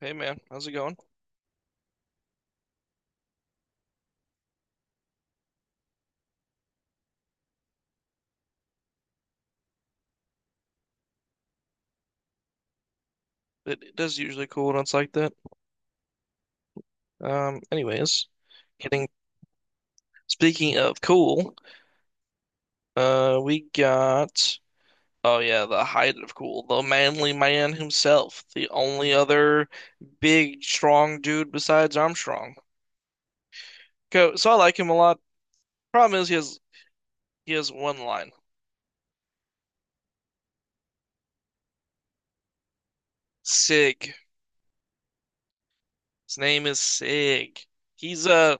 Hey man, how's it going? It does usually cool when it's like that. Anyways, getting speaking of cool, we got oh yeah, the height of cool, the manly man himself, the only other big strong dude besides Armstrong. Co so I like him a lot. Problem is he has one line. Sig. His name is Sig. He's uh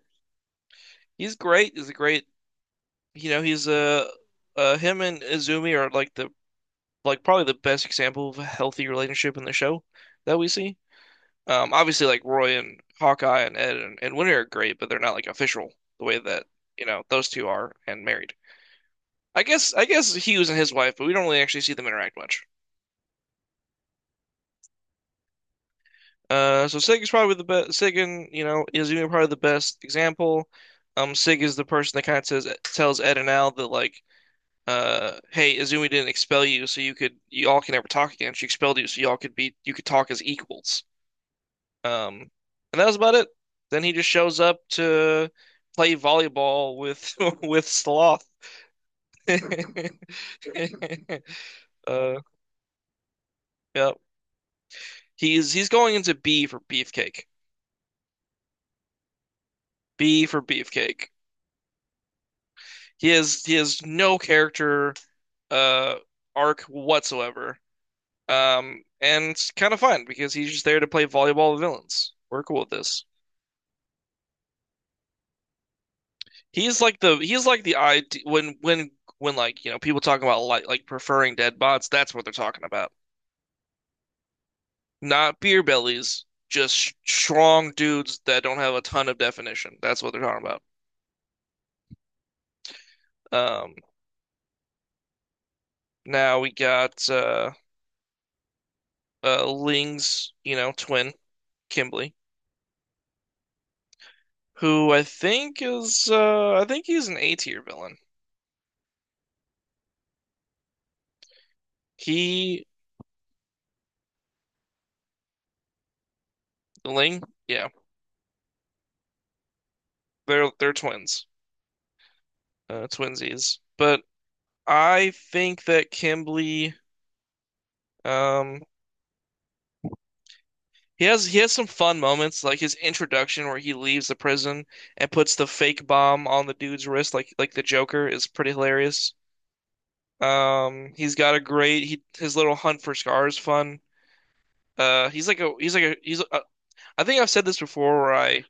he's great. He's a great you know he's him and Izumi are like the like probably the best example of a healthy relationship in the show that we see. Obviously, like Roy and Hawkeye and Ed and Winter are great, but they're not like official the way that you know those two are and married. I guess Hughes and his wife, but we don't really actually see them interact much. So Sig is probably the best. Sig and you know is even probably the best example. Sig is the person that kind of says tells Ed and Al that like hey, Izumi didn't expel you, so you all can never talk again. She expelled you, so y'all could be you could talk as equals. Um, and that was about it. Then he just shows up to play volleyball with with Sloth. Uh, yeah. He's going into B for Beefcake. B for Beefcake. He has no character uh arc whatsoever. And it's kind of fun because he's just there to play volleyball with villains. We're cool with this. He's like the ID when like you know people talking about like preferring dead bots. That's what they're talking about. Not beer bellies, just strong dudes that don't have a ton of definition. That's what they're talking about. Um, now we got Ling's, you know, twin, Kimberly, who I think is I think he's an A tier villain. He Ling, yeah, they're twins, twinsies. But I think that Kimberly, um, he has some fun moments, like his introduction where he leaves the prison and puts the fake bomb on the dude's wrist, like the Joker, is pretty hilarious. He's got a great he his little hunt for Scar is fun. He's like a he's like a he's a, I think I've said this before where I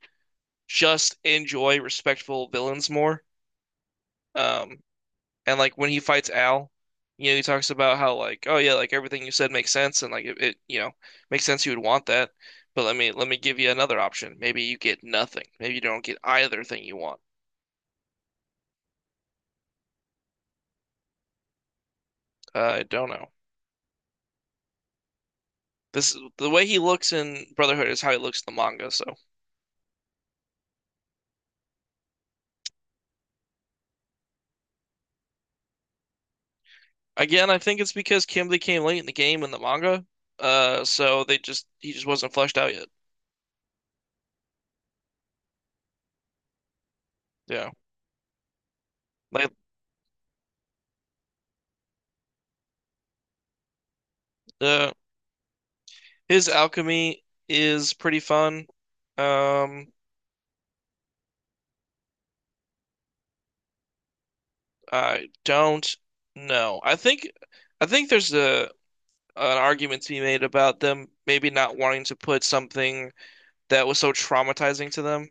just enjoy respectful villains more. Um, And like when he fights Al, you know, he talks about how like, oh yeah, like everything you said makes sense and like it you know, makes sense you would want that. But let me give you another option. Maybe you get nothing. Maybe you don't get either thing you want. I don't know. This the way he looks in Brotherhood is how he looks in the manga. So again, I think it's because Kimberly came late in the game in the manga. So they just he just wasn't fleshed out yet. Yeah, like uh, his alchemy is pretty fun. Um, I don't know. I think there's a an argument to be made about them maybe not wanting to put something that was so traumatizing to them,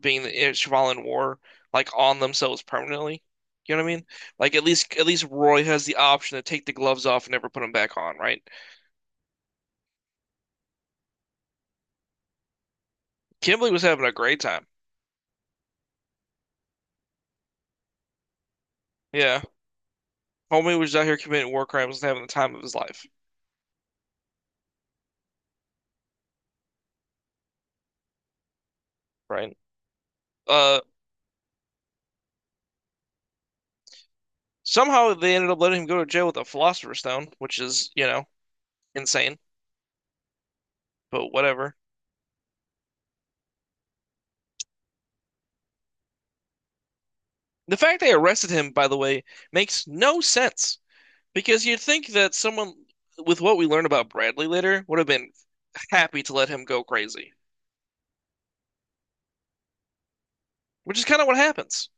being the involved war, like on themselves permanently. You know what I mean? Like at least Roy has the option to take the gloves off and never put them back on, right? Kimberly was having a great time. Yeah. Homie was out here committing war crimes and having the time of his life, right? Uh, somehow they ended up letting him go to jail with a philosopher's stone, which is, you know, insane. But whatever. The fact they arrested him, by the way, makes no sense because you'd think that someone with what we learn about Bradley later would have been happy to let him go crazy, which is kind of what happens.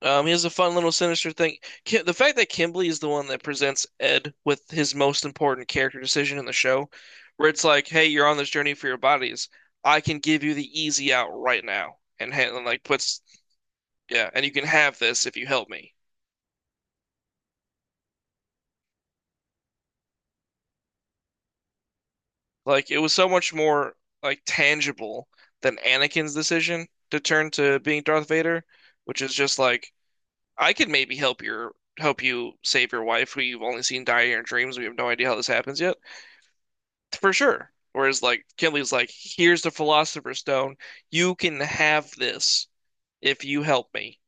He has a fun little sinister thing. Ki The fact that Kimberly is the one that presents Ed with his most important character decision in the show, where it's like, "Hey, you're on this journey for your bodies. I can give you the easy out right now," and like puts, yeah, and you can have this if you help me. Like it was so much more like tangible than Anakin's decision to turn to being Darth Vader, which is just like I could maybe help you save your wife who you've only seen die in your dreams. We have no idea how this happens yet, for sure. Whereas like Kinley's like, here's the Philosopher's Stone. You can have this if you help me.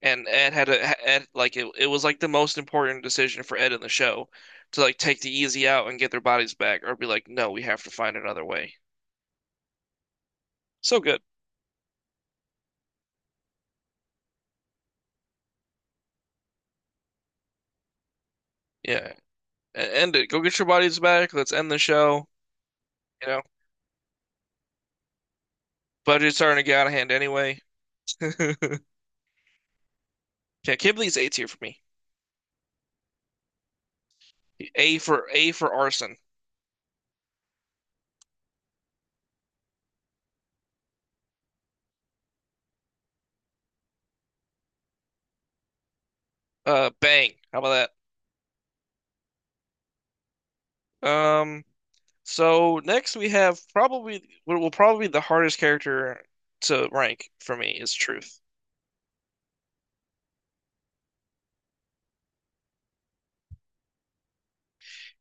And Ed had a Ed like it was like the most important decision for Ed in the show to like take the easy out and get their bodies back or be like, no, we have to find another way. So good. Yeah. End it. Go get your bodies back. Let's end the show. You know, budget's starting to get out of hand anyway. Yeah, Kibley's A tier for me. A for arson. Bang. How about that? So next we have probably what will probably be the hardest character to rank for me is Truth.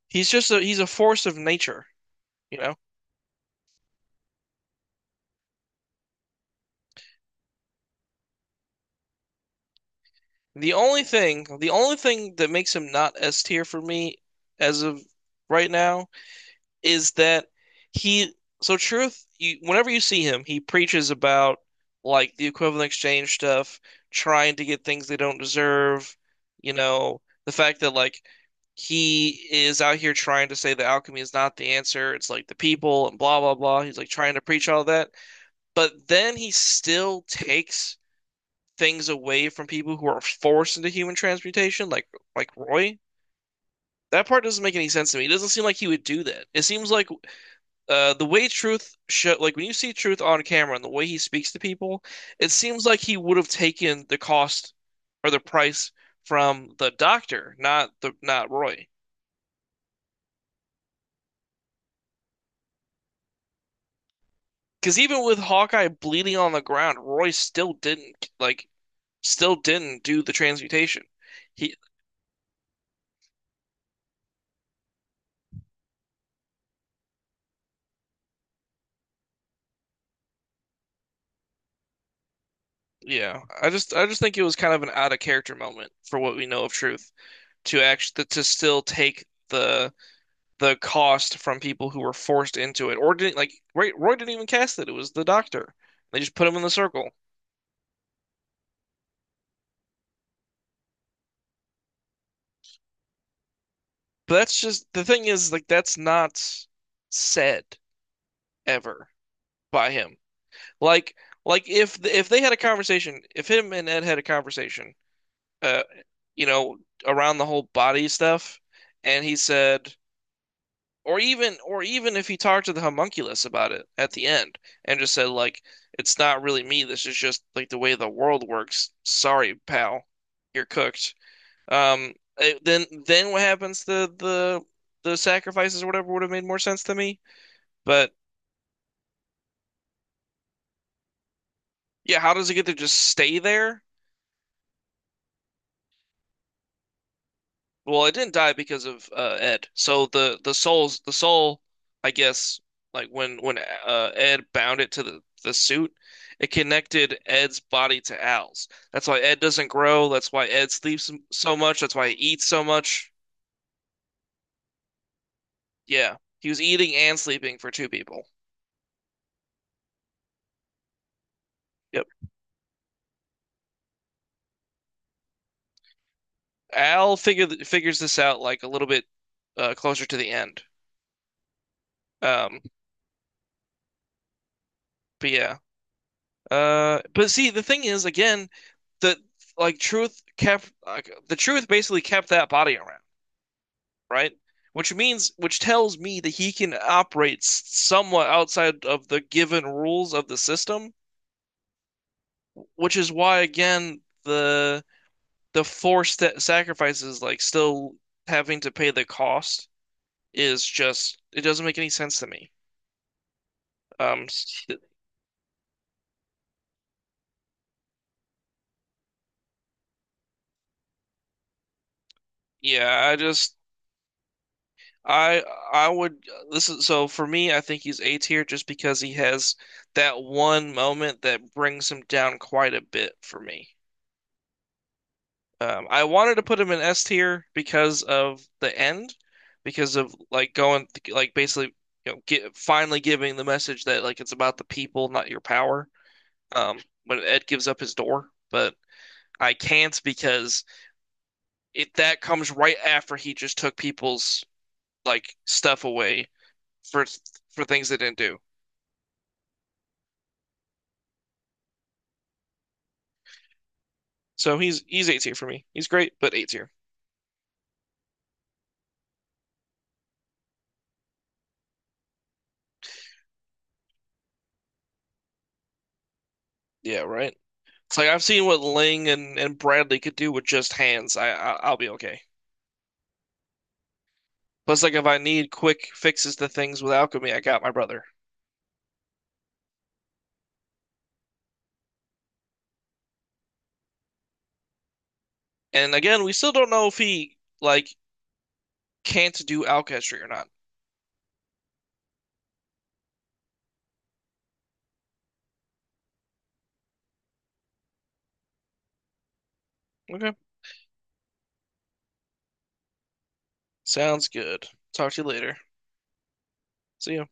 He's just a he's a force of nature, you know? The only thing that makes him not S tier for me as of right now is that he so Truth, you whenever you see him, he preaches about like the equivalent exchange stuff, trying to get things they don't deserve, you know, the fact that like he is out here trying to say that alchemy is not the answer, it's like the people and blah blah blah. He's like trying to preach all that, but then he still takes things away from people who are forced into human transmutation, like Roy. That part doesn't make any sense to me. It doesn't seem like he would do that. It seems like the way Truth show, like when you see Truth on camera and the way he speaks to people, it seems like he would have taken the cost or the price from the doctor, not Roy. Because even with Hawkeye bleeding on the ground, Roy still didn't do the transmutation. He Yeah, I just think it was kind of an out of character moment for what we know of Truth to still take the cost from people who were forced into it, or didn't like Roy, Roy didn't even cast it. It was the doctor. They just put him in the circle. But that's just the thing is like that's not said ever by him. Like like if they had a conversation, if him and Ed had a conversation, uh, you know, around the whole body stuff, and he said, or even if he talked to the homunculus about it at the end and just said like it's not really me, this is just like the way the world works. Sorry, pal. You're cooked. Then what happens to the sacrifices or whatever would have made more sense to me. But yeah, how does it get to just stay there? Well, it didn't die because of Ed. So the soul's the soul, I guess, like when Ed bound it to the suit, it connected Ed's body to Al's. That's why Ed doesn't grow. That's why Ed sleeps so much. That's why he eats so much. Yeah, he was eating and sleeping for two people. Yep. Al figured figures this out like a little bit closer to the end. Um, but yeah. But see, the thing is, again, the like truth basically kept that body around, right? Which means, which tells me that he can operate somewhat outside of the given rules of the system, which is why, again, the forced sacrifices, like still having to pay the cost, is just it doesn't make any sense to me. Um, s- yeah, I just I I would this is so for me I think he's A tier just because he has that one moment that brings him down quite a bit for me. I wanted to put him in S tier because of the end, because of like going like basically you know finally giving the message that like it's about the people not your power. Um, when Ed gives up his door, but I can't because it that comes right after he just took people's like stuff away for for things they didn't do. So he's A tier for me. He's great, but A tier. Yeah, right. It's like I've seen what Ling and Bradley could do with just hands. I'll be okay. Plus, like if I need quick fixes to things with alchemy, I got my brother. And again, we still don't know if he like can't do alchemy or not. Okay, sounds good. Talk to you later. See ya.